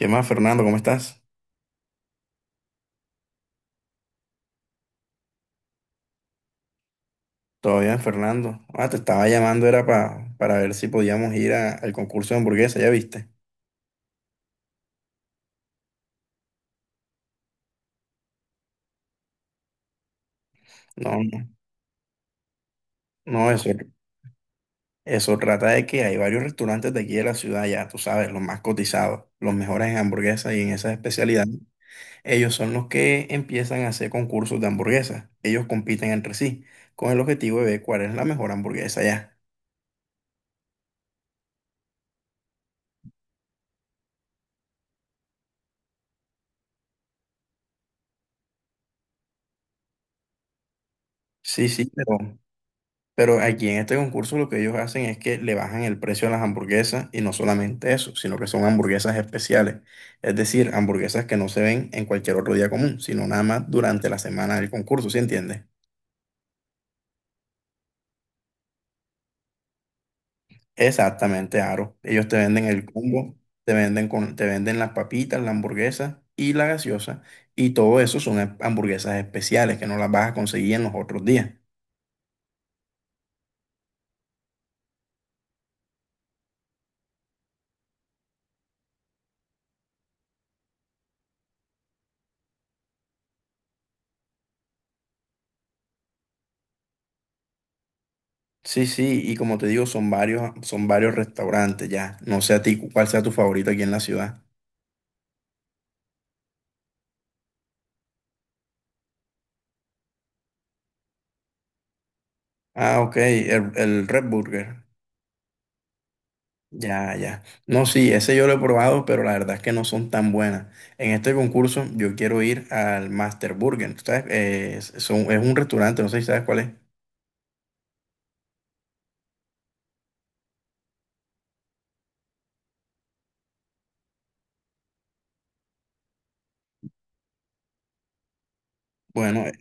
¿Qué más, Fernando? ¿Cómo estás? ¿Todo bien, Fernando? Te estaba llamando, era para ver si podíamos ir al concurso de hamburguesa, ¿ya viste? No, no, no, eso trata de que hay varios restaurantes de aquí de la ciudad, ya tú sabes, los más cotizados, los mejores en hamburguesas y en esas especialidades. Ellos son los que empiezan a hacer concursos de hamburguesas. Ellos compiten entre sí con el objetivo de ver cuál es la mejor hamburguesa ya. Sí, sí, pero aquí en este concurso lo que ellos hacen es que le bajan el precio a las hamburguesas y no solamente eso, sino que son hamburguesas especiales. Es decir, hamburguesas que no se ven en cualquier otro día común, sino nada más durante la semana del concurso, ¿sí entiendes? Exactamente, Aro. Ellos te venden el combo, te venden te venden las papitas, la hamburguesa y la gaseosa. Y todo eso son hamburguesas especiales que no las vas a conseguir en los otros días. Sí, sí, y como te digo, son varios restaurantes ya. No sé a ti cuál sea tu favorito aquí en la ciudad. Ah, ok, el Red Burger. Ya, ya. No, sí, ese yo lo he probado, pero la verdad es que no son tan buenas. En este concurso yo quiero ir al Master Burger. ¿Tú sabes? Es, es un restaurante, no sé si sabes cuál es. Bueno,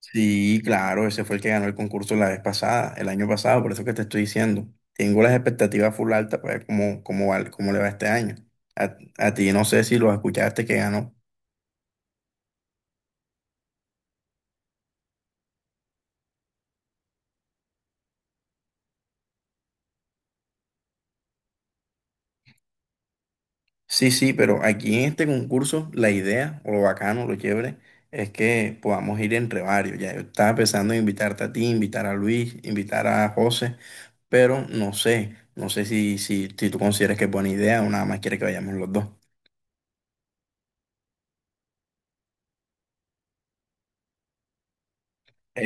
sí, claro, ese fue el que ganó el concurso la vez pasada, el año pasado, por eso que te estoy diciendo. Tengo las expectativas full altas para ver cómo, cómo le va este año. A ti no sé si lo escuchaste que ganó. Sí, sí, pero aquí en este concurso la idea, o lo bacano, lo chévere, es que podamos ir entre varios. Ya yo estaba pensando en invitarte a ti, invitar a Luis, invitar a José, pero no sé, no sé si, si tú consideras que es buena idea o nada más quieres que vayamos los dos.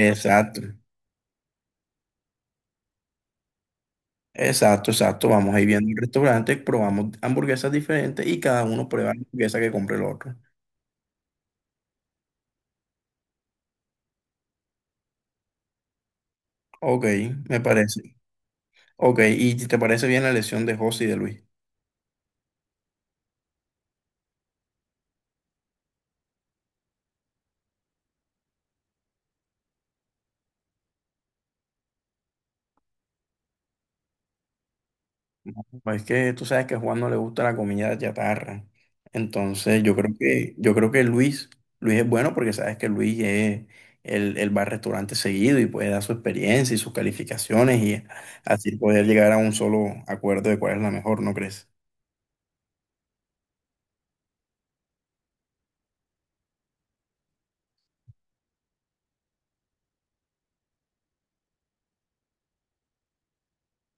Exacto, exacto, exacto. Vamos a ir viendo el restaurante, probamos hamburguesas diferentes y cada uno prueba la hamburguesa que compre el otro. Ok, me parece. Ok, ¿y te parece bien la elección de José y de Luis? Pues es que tú sabes que a Juan no le gusta la comida de chatarra. Entonces, yo creo que Luis, Luis es bueno porque sabes que Luis es, él va al restaurante seguido y puede dar su experiencia y sus calificaciones y así poder llegar a un solo acuerdo de cuál es la mejor, ¿no crees?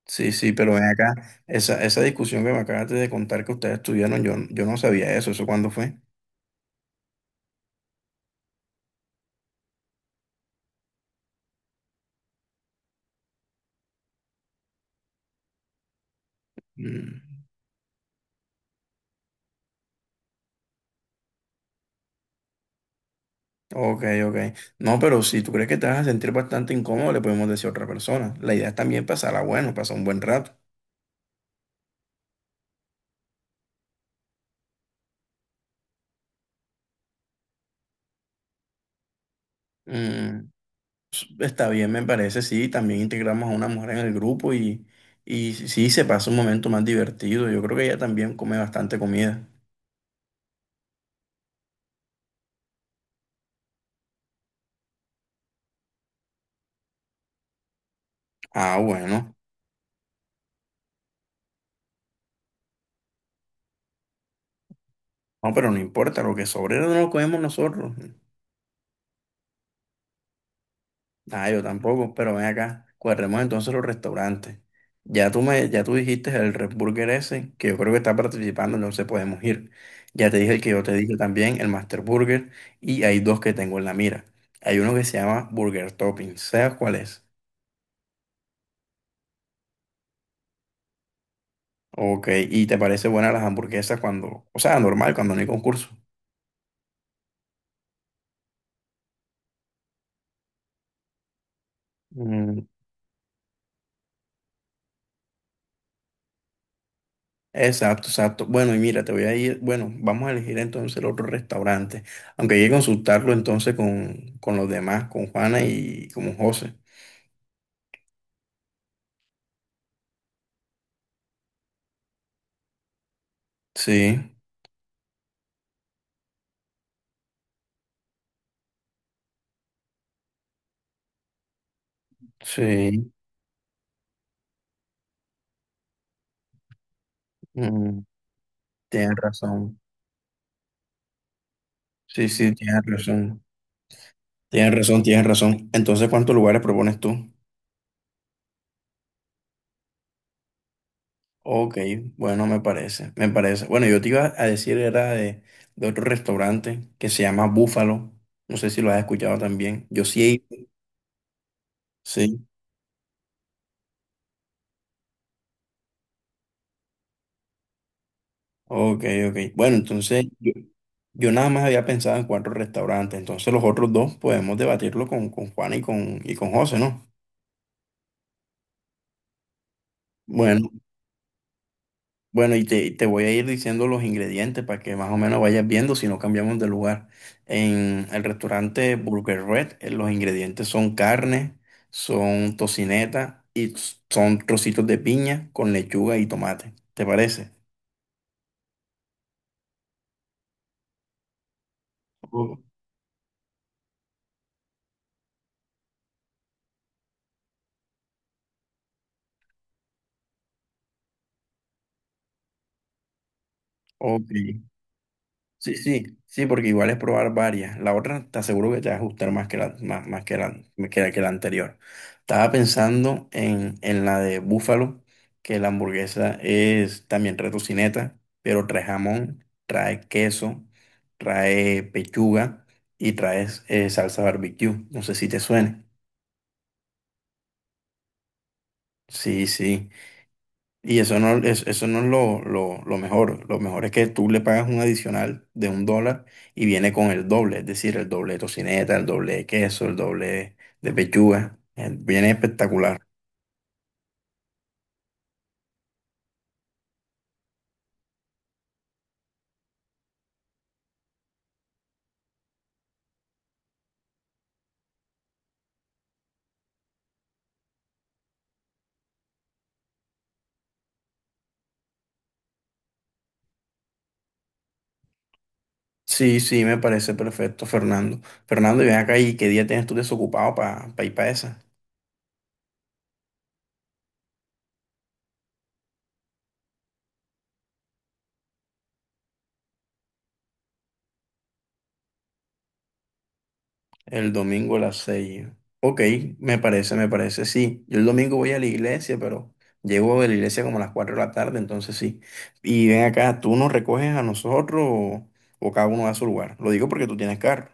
Sí, sí, pero ven acá, esa discusión que me acabaste de contar que ustedes tuvieron, yo no sabía eso, ¿eso cuándo fue? Mm, Ok, ok. No, pero si tú crees que te vas a sentir bastante incómodo, le podemos decir a otra persona. La idea es también pasarla bueno, pasar un buen rato. Mm, está bien, me parece, sí. También integramos a una mujer en el grupo y sí, se pasa un momento más divertido. Yo creo que ella también come bastante comida. Ah, bueno. No, pero no importa, lo que sobre no lo comemos nosotros. Ah, yo tampoco, pero ven acá. Cuadremos entonces los restaurantes. Ya tú me, ya tú dijiste el Red Burger ese, que yo creo que está participando, entonces podemos ir. Ya te dije el que yo te dije también, el Master Burger, y hay dos que tengo en la mira. Hay uno que se llama Burger Topping. ¿Sabes cuál es? Ok, ¿y te parece buena las hamburguesas cuando, o sea, normal, cuando no hay concurso? Mm, exacto, exacto. Bueno, y mira, te voy a ir, bueno, vamos a elegir entonces el otro restaurante, aunque hay que consultarlo entonces con los demás, con Juana y con José. Sí, sí, mm, tienes razón. Sí, sí, tienes razón. Tienes razón, tienes razón. Entonces, ¿cuántos lugares propones tú? Ok, bueno, me parece, me parece. Bueno, yo te iba a decir, era de otro restaurante que se llama Búfalo. No sé si lo has escuchado también. Yo sí he ido. Sí, ok, ok. Bueno, entonces yo nada más había pensado en cuatro restaurantes. Entonces los otros dos podemos debatirlo con Juan y con José, ¿no? Bueno, bueno, y te voy a ir diciendo los ingredientes para que más o menos vayas viendo si no cambiamos de lugar. En el restaurante Burger Red, los ingredientes son carne, son tocineta y son trocitos de piña con lechuga y tomate. ¿Te parece? O- Ok. Sí, sí, sí, porque igual es probar varias. La otra te aseguro que te va a gustar más que la, más, más que la, que la, que la anterior. Estaba pensando en la de búfalo, que la hamburguesa es también retocineta, pero trae jamón, trae queso, trae pechuga y trae salsa barbecue. No sé si te suene. Sí, sí. Y eso no, eso no es lo mejor. Lo mejor es que tú le pagas un adicional de $1 y viene con el doble, es decir, el doble de tocineta, el doble de queso, el doble de pechuga. Viene espectacular. Sí, sí, me parece perfecto, Fernando. Fernando, y ven acá y qué día tienes tú desocupado para ir para esa. El domingo a las 6. Ok, me parece, sí. Yo el domingo voy a la iglesia, pero llego de la iglesia como a las 4 de la tarde, entonces sí. Y ven acá, ¿tú nos recoges a nosotros o cada uno va a su lugar? Lo digo porque tú tienes carro.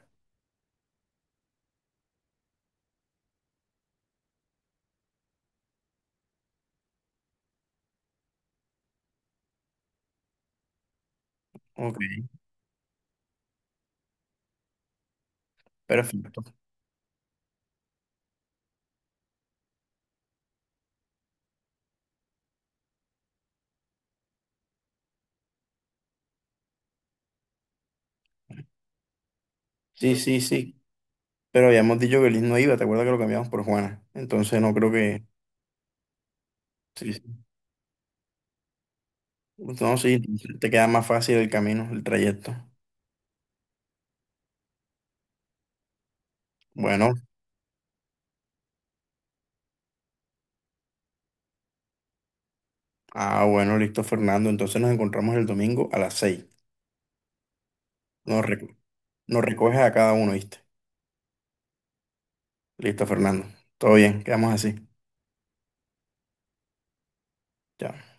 Ok, perfecto. Sí, sí, sí. Pero habíamos dicho que Liz no iba, ¿te acuerdas que lo cambiamos por Juana? Entonces no creo que... Sí, sí. No, sí, entonces te queda más fácil el camino, el trayecto. Bueno, ah, bueno, listo, Fernando. Entonces nos encontramos el domingo a las seis. Nos, reco- nos recoges a cada uno, ¿viste? Listo, Fernando. Todo bien, quedamos así. Chao.